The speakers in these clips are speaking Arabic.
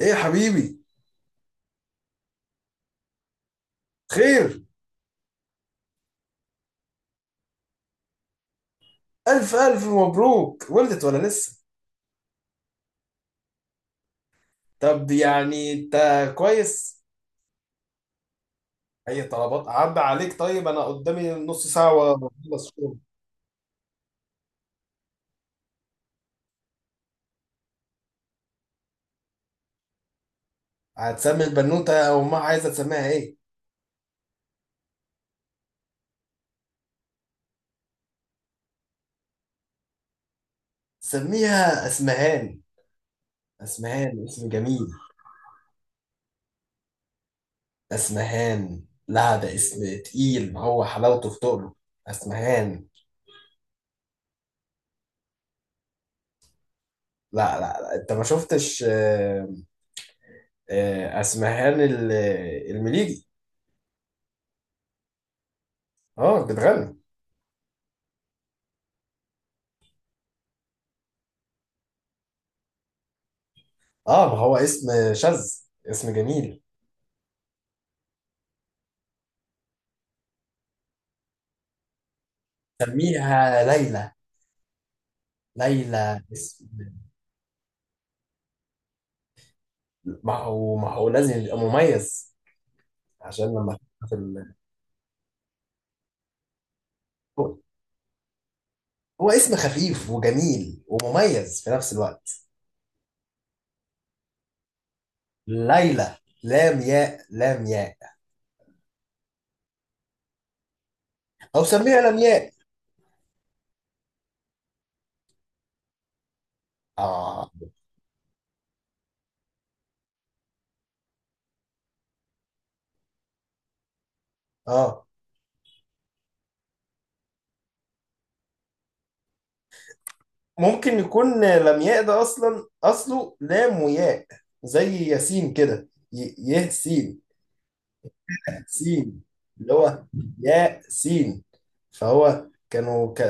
ايه يا حبيبي. خير. الف الف مبروك، ولدت ولا لسه؟ طب يعني انت كويس. اي طلبات عدى عليك؟ طيب انا قدامي نص ساعه واخلص شغل. هتسمي البنوته او امها عايزه تسميها ايه؟ سميها اسمهان. اسمهان اسم جميل. اسمهان، لا ده اسم تقيل، هو حلاوته في تقله. اسمهان. لا، لا، لا. انت ما شفتش اسمهان المليجي. اه بتغني. اه، ما هو اسم شاذ، اسم جميل. سميها ليلى. ليلى اسم. ما هو لازم يبقى مميز، عشان لما تحطها في هو، هو اسم خفيف وجميل ومميز في نفس الوقت. ليلى. لام ياء لام ياء. او سميها لمياء. اه، اه. ممكن يكون لمياء ده اصلا اصله لام وياء. زي ياسين كده، يه سين. سين، اللي هو يا سين. فهو كانوا ك...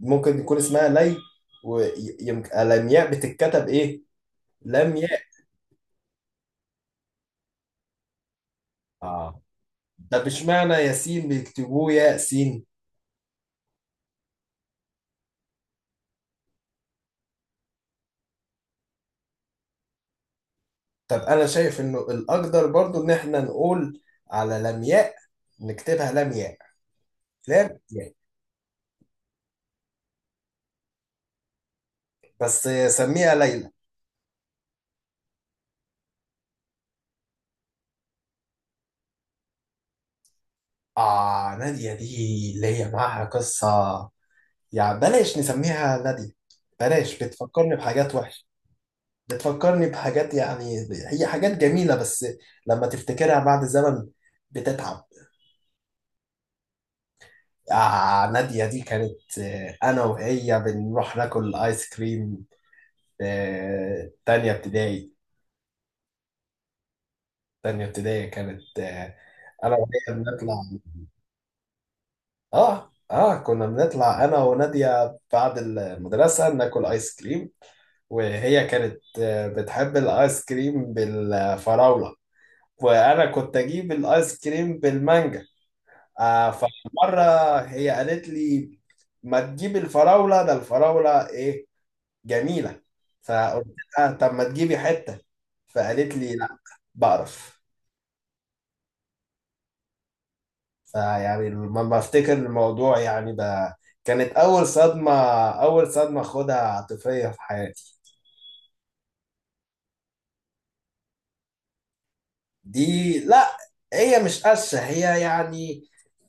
ممكن يكون اسمها لي، ويمكن الامياء بتتكتب ايه؟ لم ياء. اه. طب اشمعنى ياسين بيكتبوه ياسين؟ طب انا شايف انه الاقدر برضو ان احنا نقول على لمياء، نكتبها لمياء. لام ياء بس. سميها ليلى. اه، نادية دي اللي هي معاها قصة، يعني بلاش نسميها نادية. بلاش، بتفكرني بحاجات وحشة. بتفكرني بحاجات، يعني هي حاجات جميلة بس لما تفتكرها بعد زمن بتتعب. آه، نادية دي كانت، أنا وهي بنروح ناكل آيس كريم. آه، تانية ابتدائي. تانية ابتدائي كانت أنا وهي بنطلع. كنا بنطلع أنا ونادية بعد المدرسة ناكل آيس كريم، وهي كانت بتحب الآيس كريم بالفراولة، وأنا كنت أجيب الآيس كريم بالمانجا. آه، فمرة هي قالت لي: ما تجيبي الفراولة؟ ده الفراولة إيه؟ جميلة. فقلت لها: طب ما تجيبي حتة. فقالت لي: لا، بقرف. فيعني لما بفتكر الموضوع يعني ده كانت أول صدمة، أول صدمة خدها عاطفية في حياتي. دي، لا، هي مش قشة، هي يعني،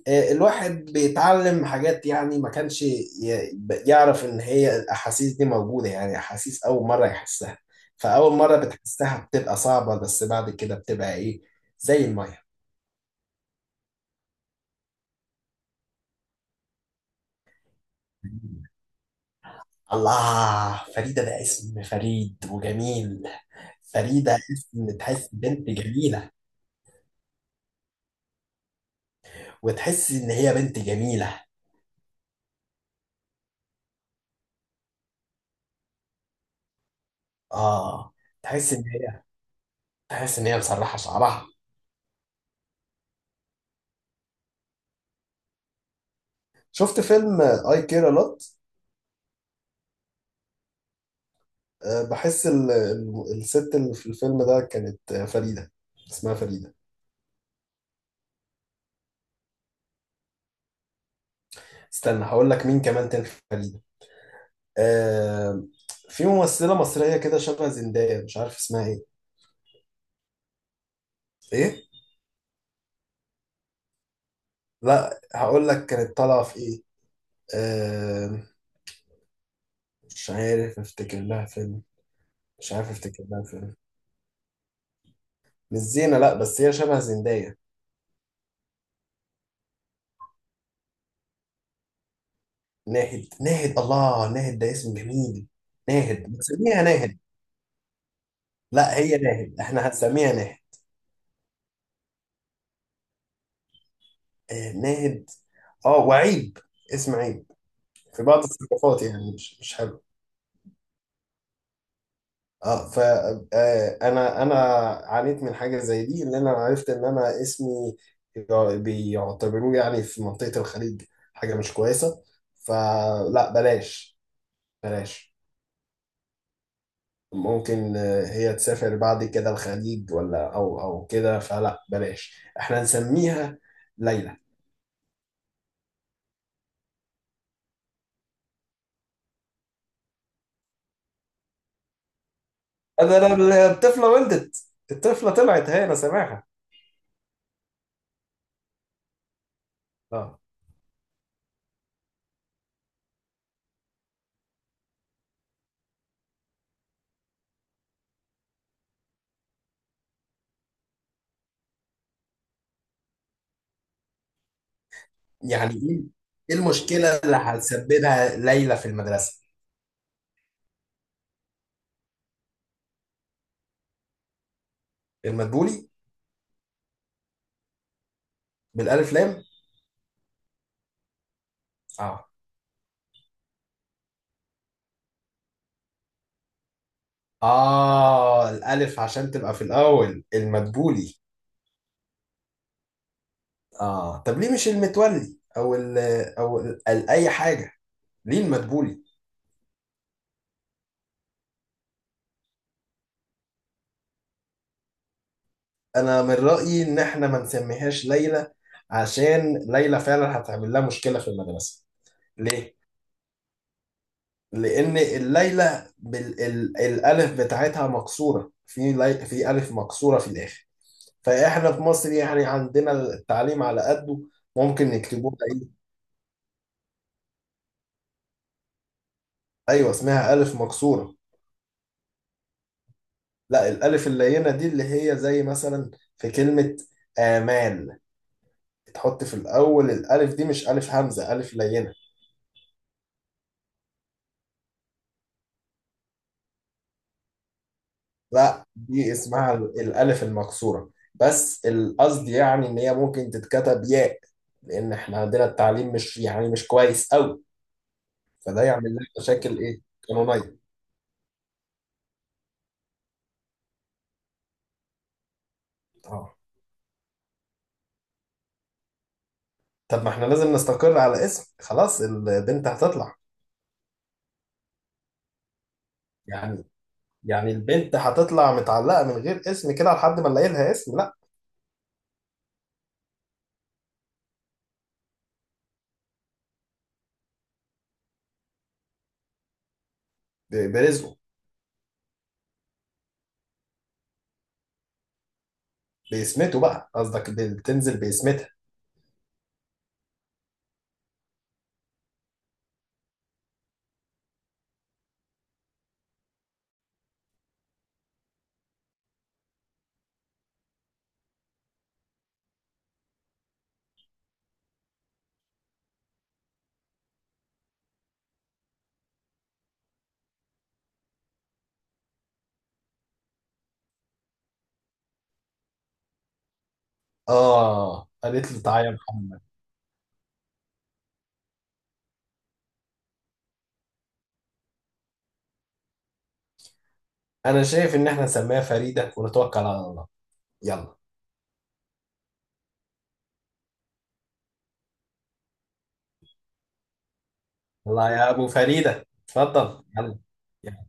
الواحد بيتعلم حاجات، يعني ما كانش يعرف ان هي الاحاسيس دي موجودة، يعني احاسيس اول مرة يحسها. فاول مرة بتحسها بتبقى صعبة بس بعد كده بتبقى ايه؟ زي المية. الله، فريدة ده اسم فريد وجميل. فريدة اسم تحس بنت جميلة، وتحس ان هي بنت جميلة. اه. تحس ان هي تحس ان هي مسرحة شعرها. شفت فيلم اي كير لوت؟ أه، بحس الست اللي في الفيلم ده كانت، فريدة، اسمها فريدة. استنى هقول لك مين كمان كان في فريدة. أه، في ممثلة مصرية كده شبه زندايا، مش عارف اسمها ايه. ايه. لا، هقول لك كانت طالعة في ايه. أه، مش عارف افتكر لها فيلم. مش عارف افتكر لها فيلم مش زينة، لا بس هي شبه زندايا. ناهد، ناهد، الله، ناهد ده اسم جميل. ناهد، بنسميها ناهد. لا هي ناهد، احنا هنسميها ناهد. آه، ناهد. اه، وعيب، اسم عيب في بعض الثقافات، يعني مش حلو. اه، ف انا عانيت من حاجه زي دي، ان انا عرفت ان انا اسمي بيعتبروه، يعني في منطقه الخليج، حاجه مش كويسه، فلا بلاش. بلاش. ممكن هي تسافر بعد كده الخليج ولا او كده، فلا بلاش احنا نسميها ليلى. الطفله ولدت، الطفله طلعت، هي انا سامعها. اه. يعني ايه؟ إيه المشكله اللي هتسببها ليلى في المدرسه؟ المدبولي؟ بالالف لام. اه، اه، الالف عشان تبقى في الاول، المدبولي. اه طب ليه مش المتولي او ال، او ال اي حاجه؟ ليه المدبولي؟ انا من رايي ان احنا ما نسميهاش ليلى، عشان ليلى فعلا هتعمل لها مشكله في المدرسه. ليه؟ لان الليلى بالالف بتاعتها مكسوره في في الف مكسوره في الاخر. فاحنا في مصر يعني عندنا التعليم على قده، ممكن يكتبوها ايه. ايوه اسمها الف مكسوره. لا، الالف اللينه دي اللي هي زي مثلا في كلمه امال، تحط في الاول الالف دي، مش الف همزه، الف لينه. لا دي اسمها الالف المكسوره، بس القصد يعني ان هي ممكن تتكتب ياء، لان احنا عندنا التعليم مش، يعني مش كويس قوي. فده يعمل لنا مشاكل ايه؟ قانونيه. اه، طب ما احنا لازم نستقر على اسم خلاص، البنت هتطلع. يعني، يعني البنت هتطلع متعلقة من غير اسم كده لحد ما نلاقي لها اسم؟ لا. برزقه. باسمته بقى قصدك، بتنزل باسمتها. اه، قالت له تعالى يا محمد. انا شايف ان احنا نسميها فريدة ونتوكل على الله. يلا. يلا يا ابو فريدة، اتفضل يلا. يلا.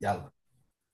يلا.